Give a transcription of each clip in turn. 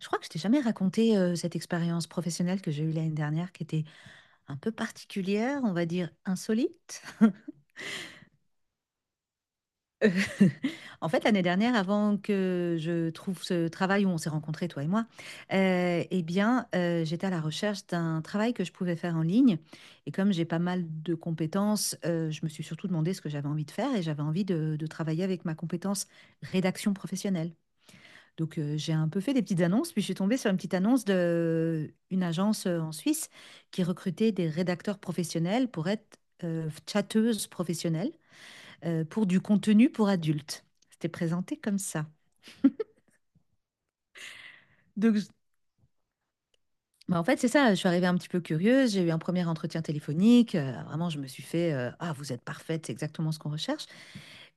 Je crois que je t'ai jamais raconté, cette expérience professionnelle que j'ai eue l'année dernière qui était un peu particulière, on va dire insolite. Heu, en fait, l'année dernière, avant que je trouve ce travail où on s'est rencontrés, toi et moi, et bien, j'étais à la recherche d'un travail que je pouvais faire en ligne et comme j'ai pas mal de compétences, je me suis surtout demandé ce que j'avais envie de faire et j'avais envie de travailler avec ma compétence rédaction professionnelle. Donc, j'ai un peu fait des petites annonces, puis je suis tombée sur une petite annonce de une agence en Suisse qui recrutait des rédacteurs professionnels pour être chatteuses professionnelles, pour du contenu pour adultes. C'était présenté comme ça. Donc, bah, en fait, c'est ça, je suis arrivée un petit peu curieuse, j'ai eu un premier entretien téléphonique, vraiment, je me suis fait, ah, vous êtes parfaite, c'est exactement ce qu'on recherche.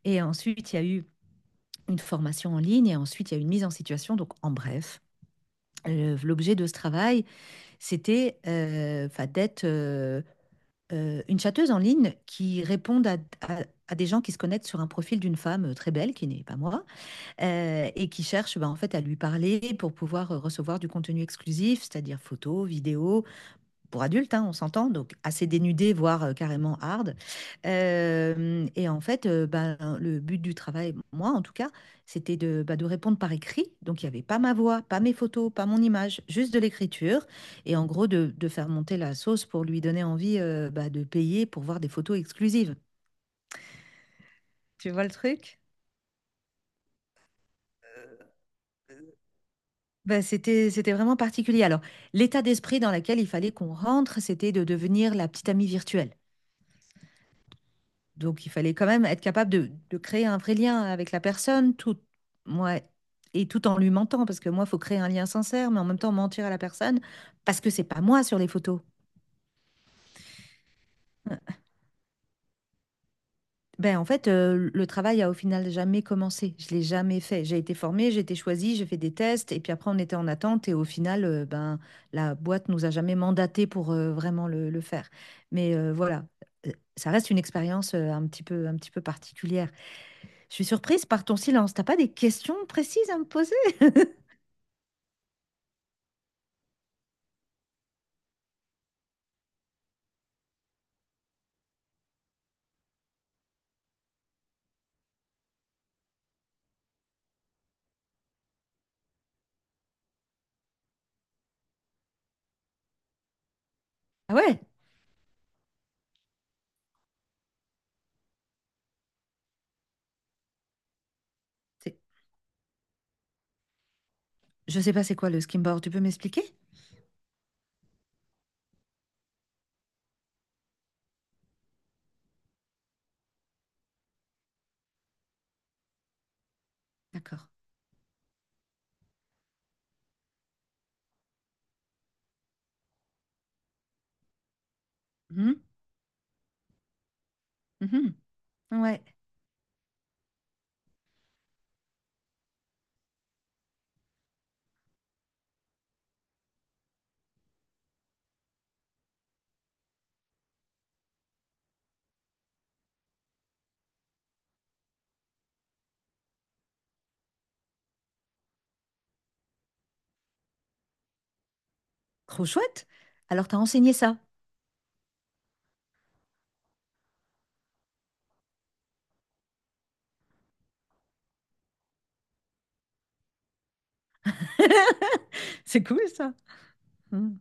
Et ensuite, il y a eu une formation en ligne, et ensuite, il y a eu une mise en situation, donc en bref. L'objet de ce travail, c'était, enfin, d'être, une châteuse en ligne qui réponde à à des gens qui se connectent sur un profil d'une femme, très belle, qui n'est pas moi, et qui cherche, ben en fait, à lui parler pour pouvoir, recevoir du contenu exclusif, c'est-à-dire photos, vidéos, pour adultes, hein, on s'entend, donc assez dénudé, voire carrément hard. Et en fait, ben, le but du travail, moi en tout cas, c'était de, bah, de répondre par écrit. Donc il y avait pas ma voix, pas mes photos, pas mon image, juste de l'écriture et en gros de faire monter la sauce pour lui donner envie, bah, de payer pour voir des photos exclusives. Tu vois le truc? Bah, c'était vraiment particulier. Alors l'état d'esprit dans lequel il fallait qu'on rentre, c'était de devenir la petite amie virtuelle. Donc, il fallait quand même être capable de créer un vrai lien avec la personne, tout, moi, et tout en lui mentant, parce que moi, il faut créer un lien sincère, mais en même temps mentir à la personne, parce que c'est pas moi sur les photos. Ben, en fait, le travail a au final jamais commencé. Je l'ai jamais fait. J'ai été formée, j'ai été choisie, j'ai fait des tests, et puis après, on était en attente, et au final, ben, la boîte nous a jamais mandaté pour vraiment le faire. Mais voilà. Ça reste une expérience, un petit peu particulière. Je suis surprise par ton silence. T'as pas des questions précises à me poser? Ah ouais, c'est- je sais pas c'est quoi le skimboard, tu peux m'expliquer? D'accord. Mhm, mhm. Ouais, trop chouette. Alors t'as enseigné ça. C'est cool ça. Mhm,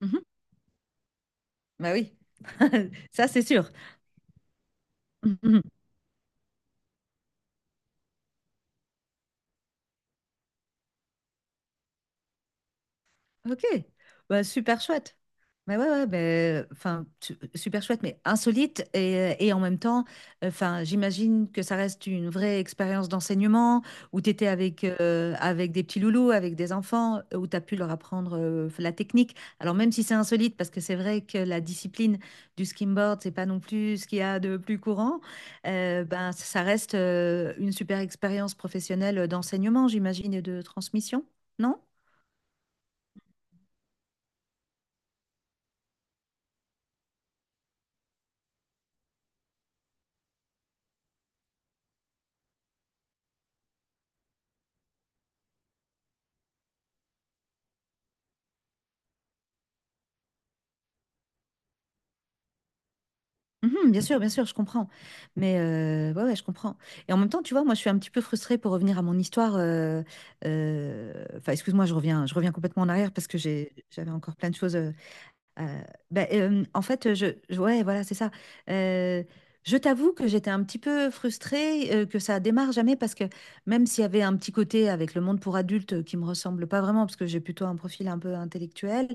mhm. Bah oui, ça c'est sûr. Mhm. Ok, bah, super chouette. Mais ouais, ouais, ben, enfin, super chouette, mais insolite et en même temps, enfin, j'imagine que ça reste une vraie expérience d'enseignement où tu étais avec, avec des petits loulous, avec des enfants, où tu as pu leur apprendre, la technique. Alors même si c'est insolite, parce que c'est vrai que la discipline du skimboard, c'est pas non plus ce qu'il y a de plus courant, ben, ça reste, une super expérience professionnelle d'enseignement, j'imagine, et de transmission, non? Mhm, bien sûr, je comprends. Mais ouais, ouais, je comprends. Et en même temps, tu vois, moi, je suis un petit peu frustrée pour revenir à mon histoire. Enfin, excuse-moi, je reviens complètement en arrière parce que j'avais encore plein de choses. Euh, Bah, en fait, ouais, voilà, c'est ça. Euh, je t'avoue que j'étais un petit peu frustrée, que ça démarre jamais parce que même s'il y avait un petit côté avec le monde pour adultes, qui me ressemble pas vraiment parce que j'ai plutôt un profil un peu intellectuel,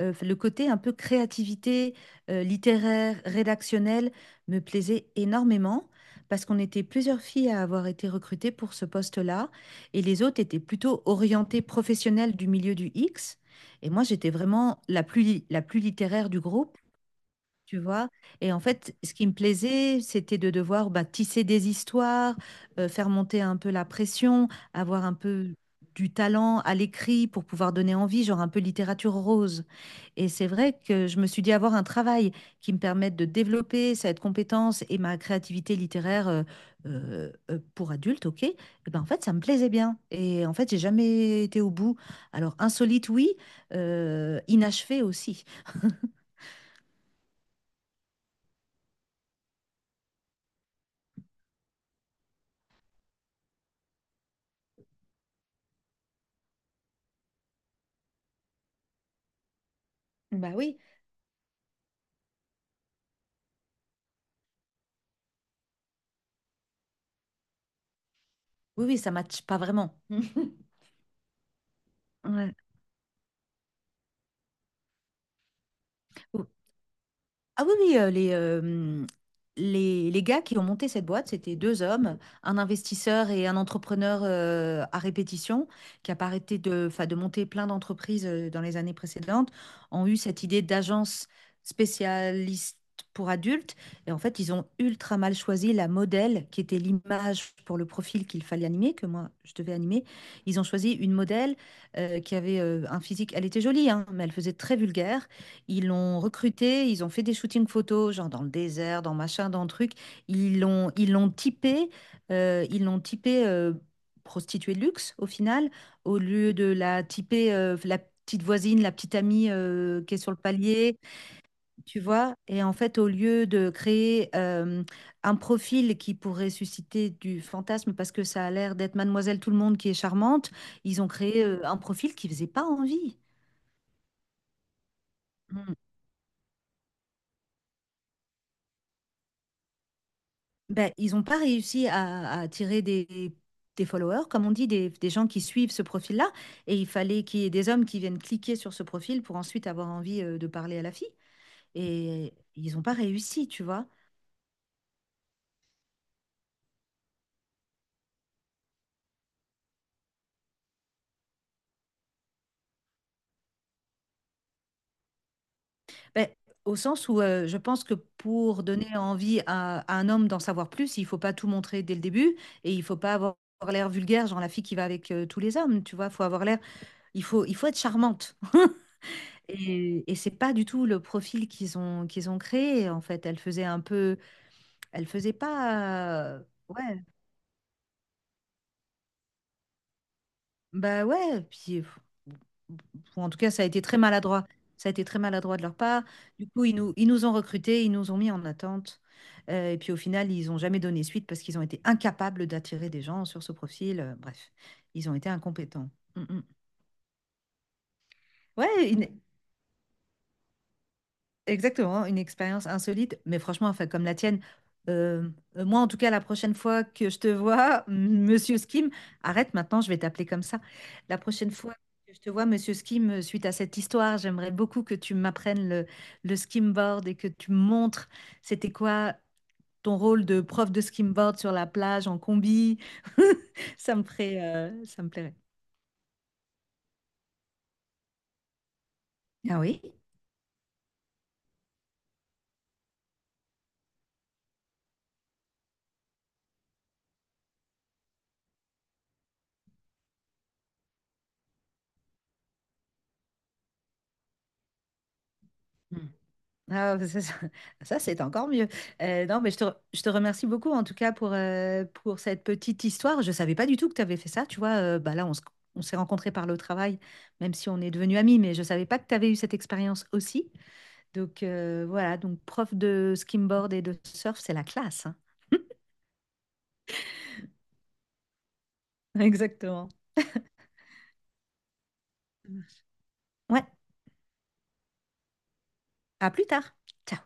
le côté un peu créativité, littéraire, rédactionnel me plaisait énormément parce qu'on était plusieurs filles à avoir été recrutées pour ce poste-là et les autres étaient plutôt orientées professionnelles du milieu du X. Et moi, j'étais vraiment la plus littéraire du groupe, tu vois. Et en fait, ce qui me plaisait, c'était de devoir, bah, tisser des histoires, faire monter un peu la pression, avoir un peu du talent à l'écrit pour pouvoir donner envie, genre un peu littérature rose. Et c'est vrai que je me suis dit avoir un travail qui me permette de développer cette compétence et ma créativité littéraire, pour adulte, ok, et ben en fait, ça me plaisait bien. Et en fait, j'ai jamais été au bout. Alors, insolite, oui, inachevé aussi. Bah oui. Oui, oui, ça matche pas vraiment. Ouais. Ah oui, oui, les gars qui ont monté cette boîte, c'était deux hommes, un investisseur et un entrepreneur, à répétition, qui a pas arrêté de, 'fin, de monter plein d'entreprises, dans les années précédentes, ont eu cette idée d'agence spécialiste pour adultes. Et en fait, ils ont ultra mal choisi la modèle, qui était l'image pour le profil qu'il fallait animer, que moi, je devais animer. Ils ont choisi une modèle, qui avait, un physique, elle était jolie, hein, mais elle faisait très vulgaire. Ils l'ont recruté, ils ont fait des shootings photos, genre dans le désert, dans machin, dans truc. Ils l'ont typé, euh, ils l'ont typé euh, prostituée de luxe au final, au lieu de la typer, la petite voisine, la petite amie, qui est sur le palier, tu vois. Et en fait, au lieu de créer, un profil qui pourrait susciter du fantasme parce que ça a l'air d'être Mademoiselle Tout-le-Monde qui est charmante, ils ont créé, un profil qui faisait pas envie. Ben, ils n'ont pas réussi à attirer des followers, comme on dit, des gens qui suivent ce profil-là. Et il fallait qu'il y ait des hommes qui viennent cliquer sur ce profil pour ensuite avoir envie, de parler à la fille. Et ils n'ont pas réussi, tu vois. Ben, au sens où, je pense que pour donner envie à un homme d'en savoir plus, il ne faut pas tout montrer dès le début et il ne faut pas avoir l'air vulgaire, genre la fille qui va avec, tous les hommes, tu vois. Faut avoir l'air, il faut être charmante. Et c'est pas du tout le profil qu'ils ont créé en fait. Elle faisait un peu, elle faisait pas, ouais, bah ouais. Puis pff, ou en tout cas, ça a été très maladroit. Ça a été très maladroit de leur part. Du coup, ils nous ont recrutés, ils nous ont mis en attente. Et puis au final, ils ont jamais donné suite parce qu'ils ont été incapables d'attirer des gens sur ce profil. Bref, ils ont été incompétents. Mm, mm. Ouais, une- Exactement, une expérience insolite, mais franchement, enfin, comme la tienne, euh, moi en tout cas, la prochaine fois que je te vois, Monsieur Skim, arrête maintenant, je vais t'appeler comme ça. La prochaine fois que je te vois, Monsieur Skim, suite à cette histoire, j'aimerais beaucoup que tu m'apprennes le skimboard et que tu me montres c'était quoi ton rôle de prof de skimboard sur la plage en combi. Ça me ferait, ça me plairait. Ah oui? Ah, ça, ça- Ça, c'est encore mieux. Non, mais je te, je te remercie beaucoup en tout cas pour cette petite histoire. Je ne savais pas du tout que tu avais fait ça. Tu vois, bah là, on s'est rencontrés par le travail, même si on est devenus amis, mais je ne savais pas que tu avais eu cette expérience aussi. Donc voilà, donc prof de skimboard et de surf, c'est la classe. Hein. Exactement. Ouais, à plus tard. Ciao.